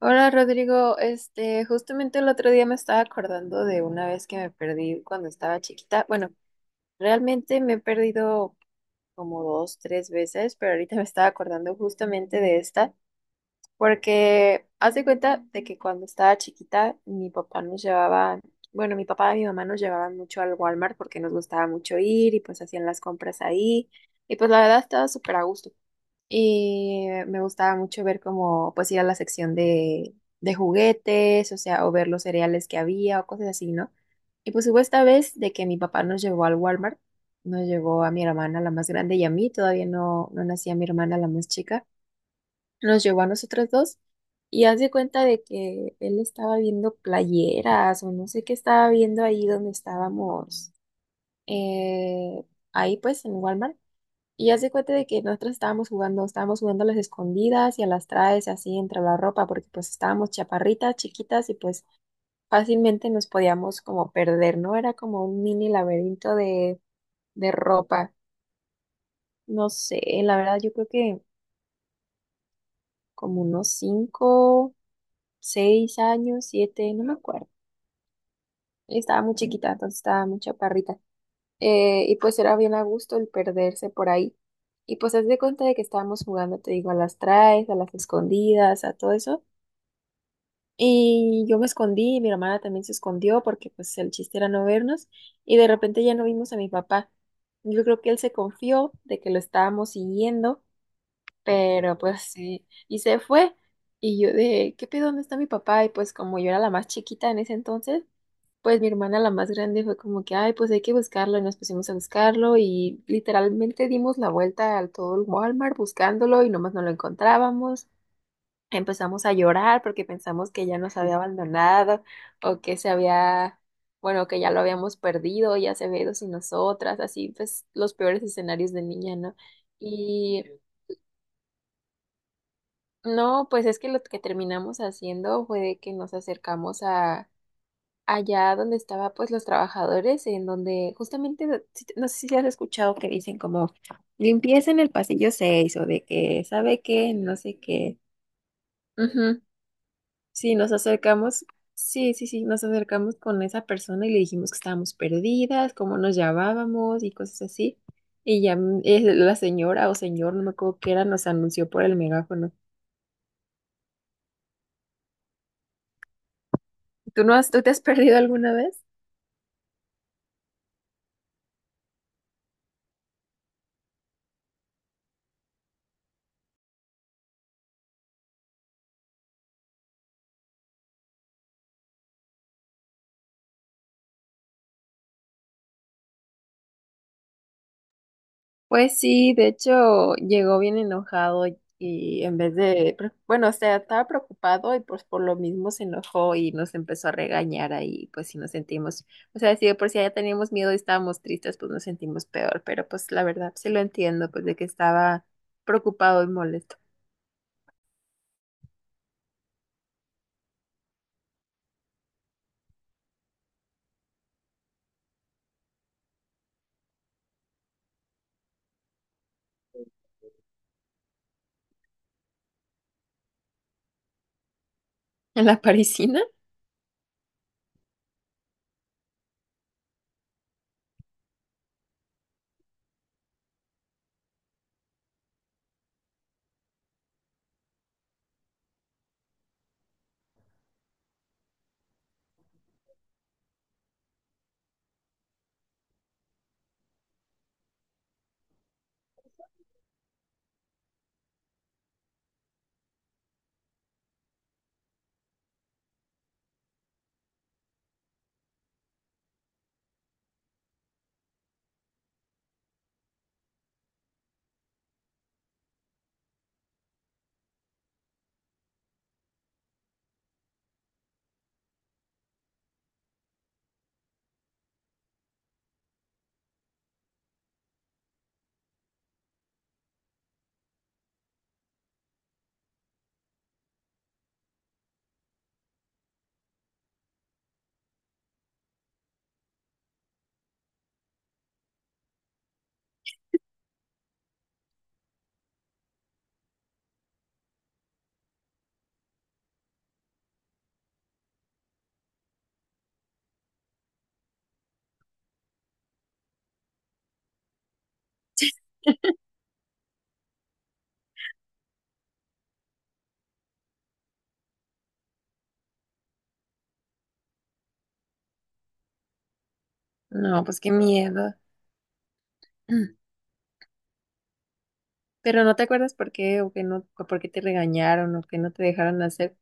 Hola Rodrigo, justamente el otro día me estaba acordando de una vez que me perdí cuando estaba chiquita. Bueno, realmente me he perdido como dos, tres veces, pero ahorita me estaba acordando justamente de esta, porque haz de cuenta de que cuando estaba chiquita mi papá nos llevaba, bueno, mi papá y mi mamá nos llevaban mucho al Walmart porque nos gustaba mucho ir y pues hacían las compras ahí y pues la verdad estaba súper a gusto. Y me gustaba mucho ver cómo pues ir a la sección de juguetes, o sea, o ver los cereales que había o cosas así, ¿no? Y pues hubo esta vez de que mi papá nos llevó al Walmart, nos llevó a mi hermana, la más grande, y a mí, todavía no, no nacía mi hermana, la más chica, nos llevó a nosotras dos. Y haz de cuenta de que él estaba viendo playeras o no sé qué estaba viendo ahí donde estábamos, eh, ahí pues en Walmart. Y hace cuenta de que nosotros estábamos jugando a las escondidas y a las traes así entre la ropa, porque pues estábamos chaparritas, chiquitas y pues fácilmente nos podíamos como perder, ¿no? Era como un mini laberinto de ropa. No sé, la verdad yo creo que como unos cinco, 6 años, siete, no me acuerdo. Estaba muy chiquita, entonces estaba muy chaparrita. Y pues era bien a gusto el perderse por ahí. Y pues haz de cuenta de que estábamos jugando, te digo, a las traes, a las escondidas, a todo eso. Y yo me escondí, y mi hermana también se escondió porque pues el chiste era no vernos y de repente ya no vimos a mi papá. Yo creo que él se confió de que lo estábamos siguiendo, pero pues sí, y se fue. Y yo de, ¿qué pedo? ¿Dónde está mi papá? Y pues como yo era la más chiquita en ese entonces, pues mi hermana la más grande fue como que, ay, pues hay que buscarlo y nos pusimos a buscarlo y literalmente dimos la vuelta a todo el Walmart buscándolo y nomás no lo encontrábamos. Empezamos a llorar porque pensamos que ya nos había abandonado o que se había, bueno, que ya lo habíamos perdido, ya se había ido sin nosotras, así pues los peores escenarios de niña, ¿no? Y no, pues es que lo que terminamos haciendo fue de que nos acercamos a allá donde estaba pues los trabajadores, en donde justamente, no sé si has escuchado que dicen como limpieza en el pasillo 6 o de que sabe qué, no sé qué. Sí, nos acercamos, sí, sí, sí, nos acercamos con esa persona y le dijimos que estábamos perdidas, cómo nos llamábamos y cosas así. Y ya la señora o señor, no me acuerdo qué era, nos anunció por el megáfono. ¿Tú no has, tú te has perdido alguna vez? Pues sí, de hecho llegó bien enojado y en vez de, bueno, o sea, estaba preocupado y pues por lo mismo se enojó y nos empezó a regañar ahí, pues sí nos sentimos, o sea, si de por si ya teníamos miedo y estábamos tristes, pues nos sentimos peor, pero pues la verdad sí lo entiendo, pues de que estaba preocupado y molesto. ¿En la parisina? No, pues qué miedo. Pero no te acuerdas por qué o que no, o por qué te regañaron o que no te dejaron hacer.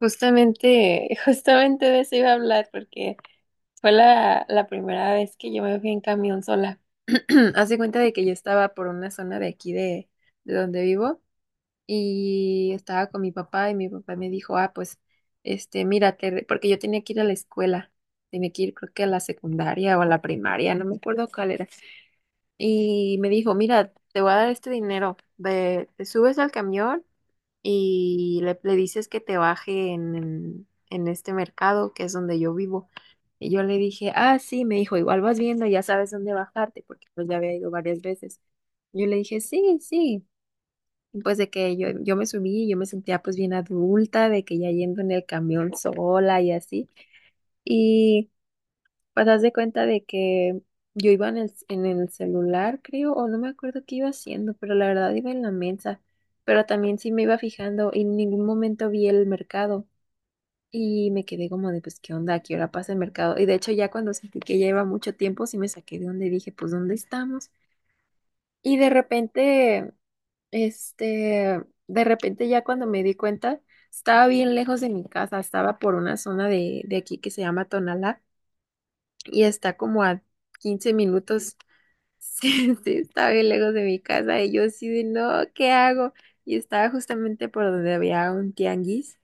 Justamente, justamente de eso iba a hablar porque... Fue la primera vez que yo me fui en camión sola. Hace cuenta de que yo estaba por una zona de aquí de donde vivo y estaba con mi papá y mi papá me dijo, ah, pues, mírate, porque yo tenía que ir a la escuela, tenía que ir creo que a la secundaria o a la primaria, no me acuerdo cuál era. Y me dijo, mira, te voy a dar este dinero, ve, te subes al camión y le dices que te baje en, en este mercado, que es donde yo vivo. Y yo le dije, ah, sí, me dijo, igual vas viendo, ya sabes dónde bajarte, porque pues ya había ido varias veces. Yo le dije, sí, sí. Y, pues de que yo me subí, yo me sentía pues bien adulta, de que ya yendo en el camión sola y así. Pues haz de cuenta de que yo iba en el celular, creo, o no me acuerdo qué iba haciendo, pero la verdad iba en la mesa. Pero también sí me iba fijando y en ningún momento vi el mercado. Y me quedé como de, pues, ¿qué onda? ¿A qué hora pasa el mercado? Y de hecho ya cuando sentí que ya iba mucho tiempo, sí me saqué de donde y dije, pues, ¿dónde estamos? Y de repente, este, de repente ya cuando me di cuenta, estaba bien lejos de mi casa, estaba por una zona de aquí que se llama Tonalá y está como a 15 minutos. Sí, sí, está bien lejos de mi casa y yo así de no, ¿qué hago? Y estaba justamente por donde había un tianguis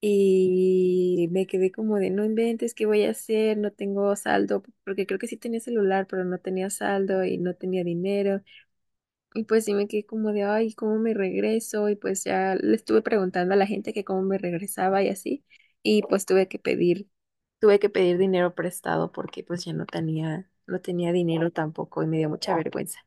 y me quedé como de no inventes, ¿qué voy a hacer? No tengo saldo, porque creo que sí tenía celular, pero no tenía saldo y no tenía dinero. Y pues sí me quedé como de, ay, ¿cómo me regreso? Y pues ya le estuve preguntando a la gente que cómo me regresaba y así. Y pues tuve que pedir dinero prestado porque pues ya no tenía, no tenía dinero tampoco y me dio mucha vergüenza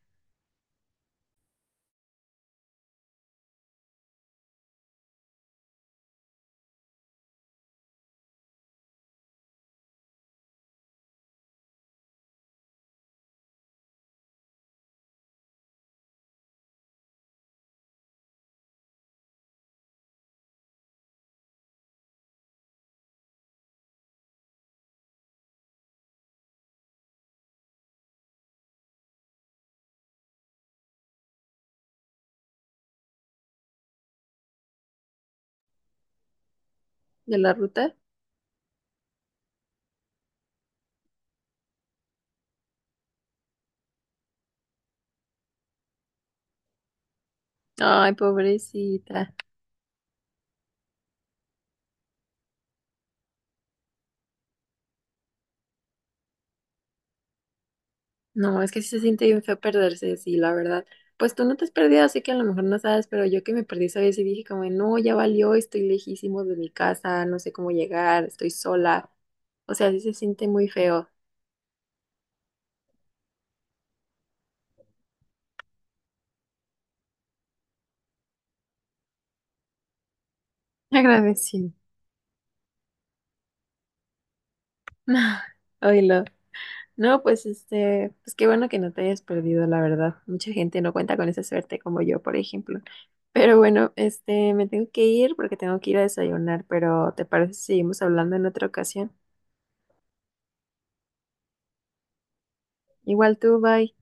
de la ruta. Ay, pobrecita. No, es que sí se siente bien feo perderse, sí, la verdad. Pues tú no te has perdido, así que a lo mejor no sabes, pero yo que me perdí esa vez y dije como, no, ya valió, estoy lejísimo de mi casa, no sé cómo llegar, estoy sola. O sea, sí se siente muy feo. Agradecido. Oílo. No, pues pues qué bueno que no te hayas perdido, la verdad. Mucha gente no cuenta con esa suerte como yo, por ejemplo. Pero bueno, me tengo que ir porque tengo que ir a desayunar, pero ¿te parece si seguimos hablando en otra ocasión? Igual tú, bye.